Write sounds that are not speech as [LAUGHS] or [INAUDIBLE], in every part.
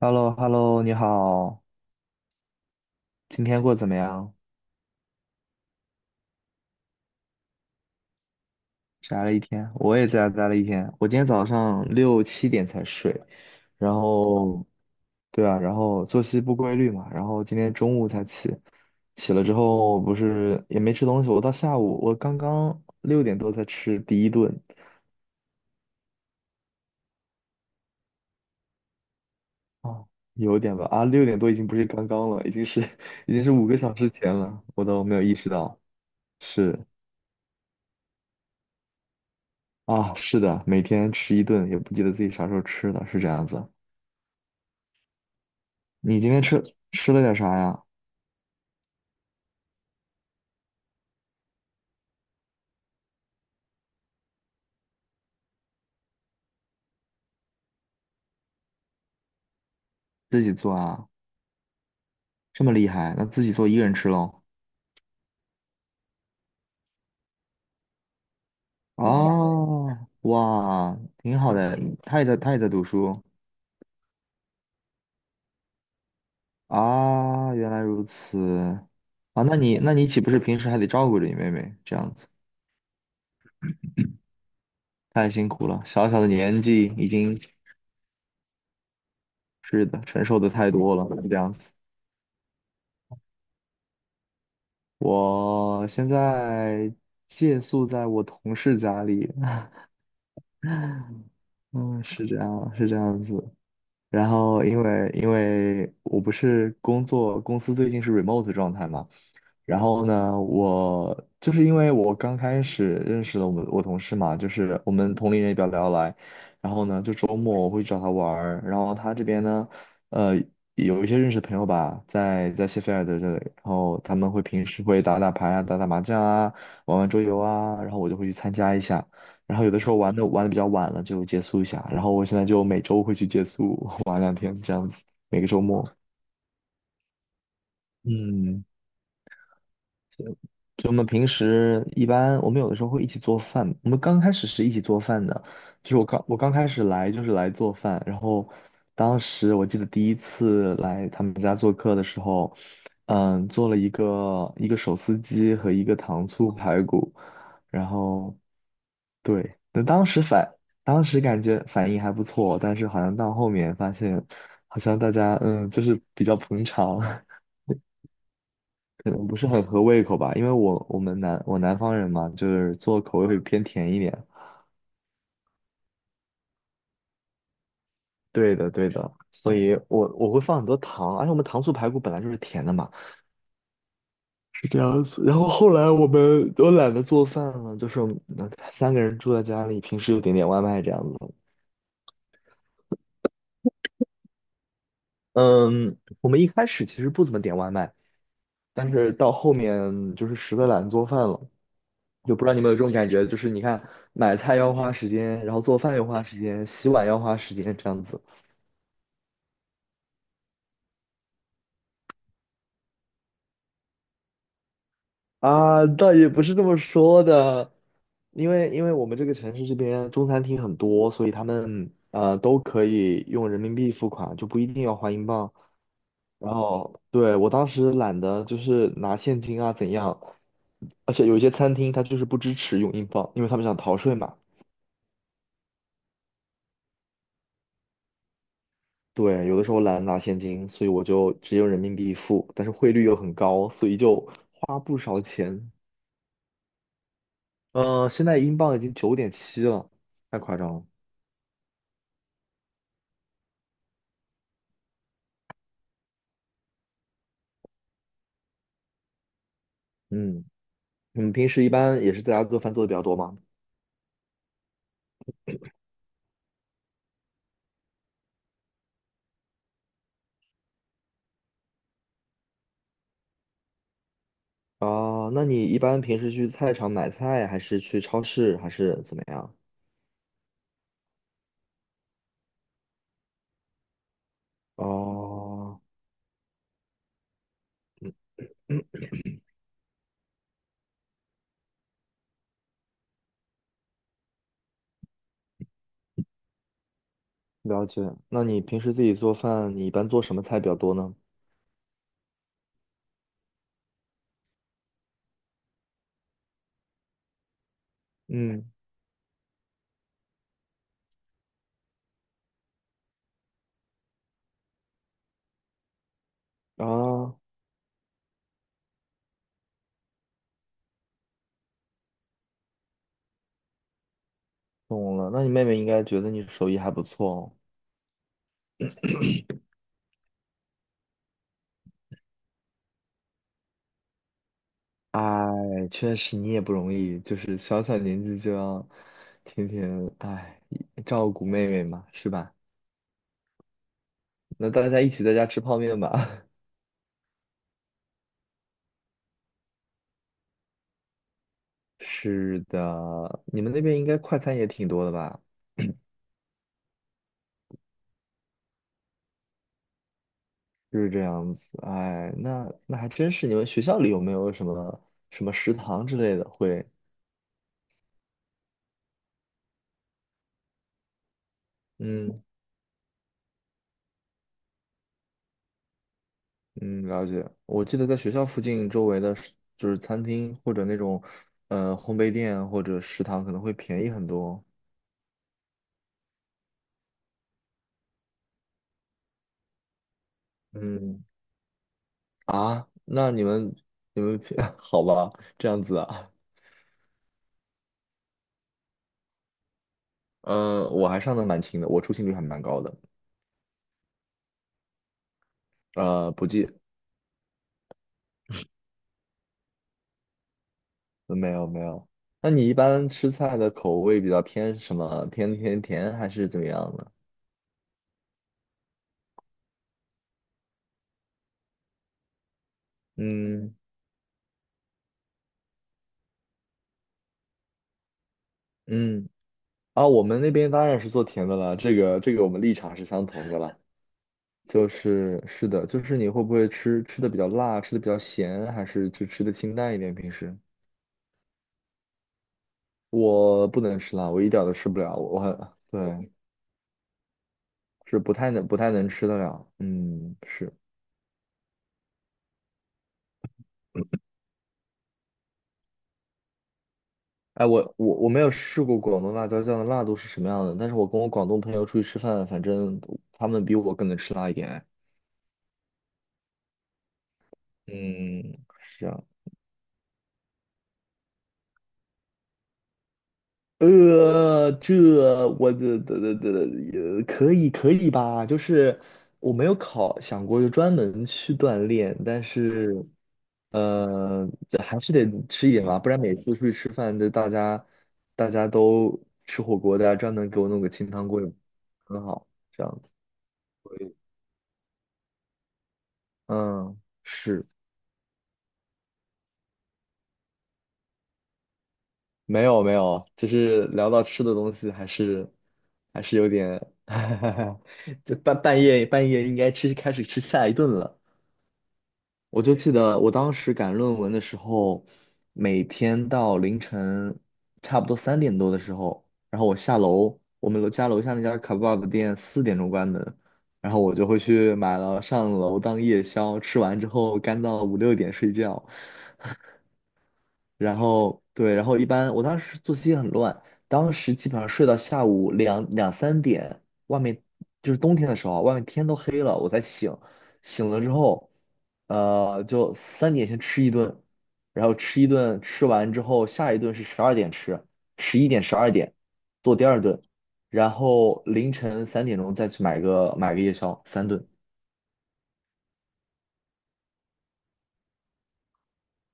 h e l l o h e l l o 你好，今天过得怎么样？宅了一天，我也在家待了一天。我今天早上6、7点才睡，然后，对啊，然后作息不规律嘛，然后今天中午才起，起了之后不是也没吃东西，我到下午我刚刚六点多才吃第一顿。哦，有点吧。啊，六点多已经不是刚刚了，已经是 [LAUGHS] 已经是5个小时前了，我都没有意识到，是。啊，是的，每天吃一顿，也不记得自己啥时候吃的，是这样子。你今天吃了点啥呀？自己做啊？这么厉害，那自己做一个人吃喽？嗯哦，哇，挺好的。他也在，他也在读书啊。原来如此啊，那你岂不是平时还得照顾着你妹妹这样子？太辛苦了，小小的年纪已经是的，承受的太多了这样子。我现在借宿在我同事家里，[LAUGHS] 嗯，是这样，是这样子。然后因为我不是工作公司最近是 remote 状态嘛，然后呢，我就是因为我刚开始认识了我同事嘛，就是我们同龄人也比较聊得来，然后呢，就周末我会找他玩儿，然后他这边呢，呃，有一些认识的朋友吧，在谢菲尔德这里，然后他们会平时会打打牌啊，打打麻将啊，玩玩桌游啊，然后我就会去参加一下。然后有的时候玩的比较晚了就结束一下，然后我现在就每周会去结束 [LAUGHS] 玩2天这样子，每个周末。嗯，就就我们平时一般我们有的时候会一起做饭，我们刚开始是一起做饭的，就是我刚开始来就是来做饭，然后当时我记得第一次来他们家做客的时候，做了一个手撕鸡和一个糖醋排骨，然后。对，那当时反，当时感觉反应还不错，但是好像到后面发现，好像大家就是比较捧场，[LAUGHS] 可能不是很合胃口吧。因为我南方人嘛，就是做口味会偏甜一点。对的，对的，所以我会放很多糖，而且我们糖醋排骨本来就是甜的嘛，是这样子。然后后来我们都懒得做饭了，就是我们3个人住在家里，平时就点点外卖这样子。嗯，我们一开始其实不怎么点外卖。但是到后面就是实在懒得做饭了，就不知道你们有这种感觉，就是你看买菜要花时间，然后做饭要花时间，洗碗要花时间，这样子啊，倒也不是这么说的，因为我们这个城市这边中餐厅很多，所以他们都可以用人民币付款，就不一定要花英镑。然后对我当时懒得就是拿现金啊怎样，而且有一些餐厅它就是不支持用英镑，因为他们想逃税嘛。对，有的时候懒得拿现金，所以我就只有人民币付，但是汇率又很高，所以就花不少钱。现在英镑已经9.7了，太夸张了。嗯，你们平时一般也是在家做饭做的比较多吗？啊、那你一般平时去菜场买菜，还是去超市，还是怎么样？哦，了解。那你平时自己做饭，你一般做什么菜比较多呢？嗯，啊，懂了。那你妹妹应该觉得你手艺还不错哦。哎，确实你也不容易，就是小小年纪就要天天照顾妹妹嘛，是吧？那大家一起在家吃泡面吧。[LAUGHS] 是的，你们那边应该快餐也挺多的吧？就是这样子。哎，那还真是，你们学校里有没有什么食堂之类的会？嗯嗯，了解。我记得在学校附近周围的就是餐厅或者那种烘焙店或者食堂可能会便宜很多。嗯，啊，那你们 [LAUGHS] 好吧，这样子啊，我还上的蛮勤的，我出勤率还蛮高的，呃，不记，呃没有没有。那你一般吃菜的口味比较偏什么？偏甜甜还是怎么样呢？嗯嗯，啊，我们那边当然是做甜的了，这个我们立场是相同的了，就是是的，就是你会不会吃的比较辣，吃的比较咸，还是就吃的清淡一点？平时我不能吃辣，我一点儿都吃不了，我很 [LAUGHS] 对。是不太能吃得了。嗯，是。哎，我没有试过广东辣椒酱的辣度是什么样的，但是我跟我广东朋友出去吃饭，反正他们比我更能吃辣一点。哎嗯，是啊。呃，这我的的的的，呃，可以可以吧？就是我没有想过就专门去锻炼，但是这还是得吃一点吧，不然每次出去吃饭，就大家都吃火锅，大家专门给我弄个清汤锅也很好，这样子。嗯，是，没有没有，就是聊到吃的东西，还是有点，[LAUGHS] 这半夜应该开始吃下一顿了。我就记得我当时赶论文的时候，每天到凌晨差不多3点多的时候，然后我下楼，我们楼下那家卡 EBA 店4点钟关门，然后我就会去买了上楼当夜宵，吃完之后干到5、6点睡觉，然后对，然后一般我当时作息很乱，当时基本上睡到下午两三点，外面就是冬天的时候啊，外面天都黑了，我才醒。醒了之后，就三点先吃一顿，然后吃一顿，吃完之后下一顿是十二点吃，11点十二点做第二顿，然后凌晨3点钟再去买个夜宵，3顿，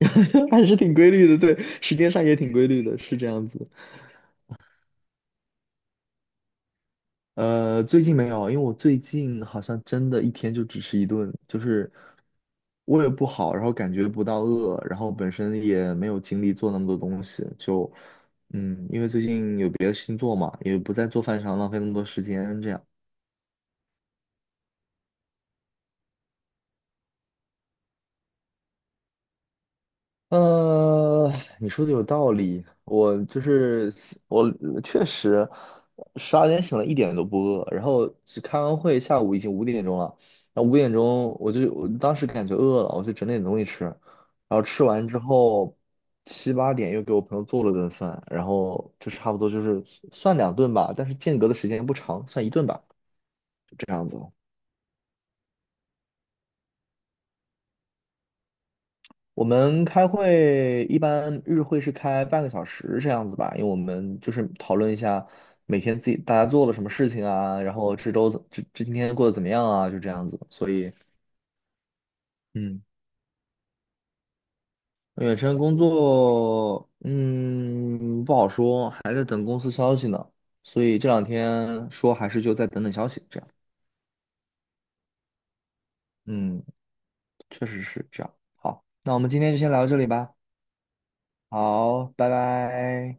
[LAUGHS] 还是挺规律的，对，时间上也挺规律的，是这样子。最近没有，因为我最近好像真的一天就只吃一顿，就是胃不好，然后感觉不到饿，然后本身也没有精力做那么多东西，就因为最近有别的事情做嘛，也不在做饭上浪费那么多时间，这样。呃，你说的有道理，我就是我确实十二点醒了，一点都不饿，然后只开完会，下午已经五点钟了，然后五点钟我当时感觉饿了，我就整点东西吃，然后吃完之后7、8点又给我朋友做了顿饭，然后就差不多就是算2顿吧，但是间隔的时间不长，算一顿吧，就这样子。我们开会一般日会是开半个小时这样子吧，因为我们就是讨论一下每天自己大家做了什么事情啊，然后这周怎这这今天过得怎么样啊，就这样子。所以，嗯，远程工作，嗯，不好说，还在等公司消息呢。所以这两天说还是就再等等消息，这样。嗯，确实是这样。好，那我们今天就先聊到这里吧。好，拜拜。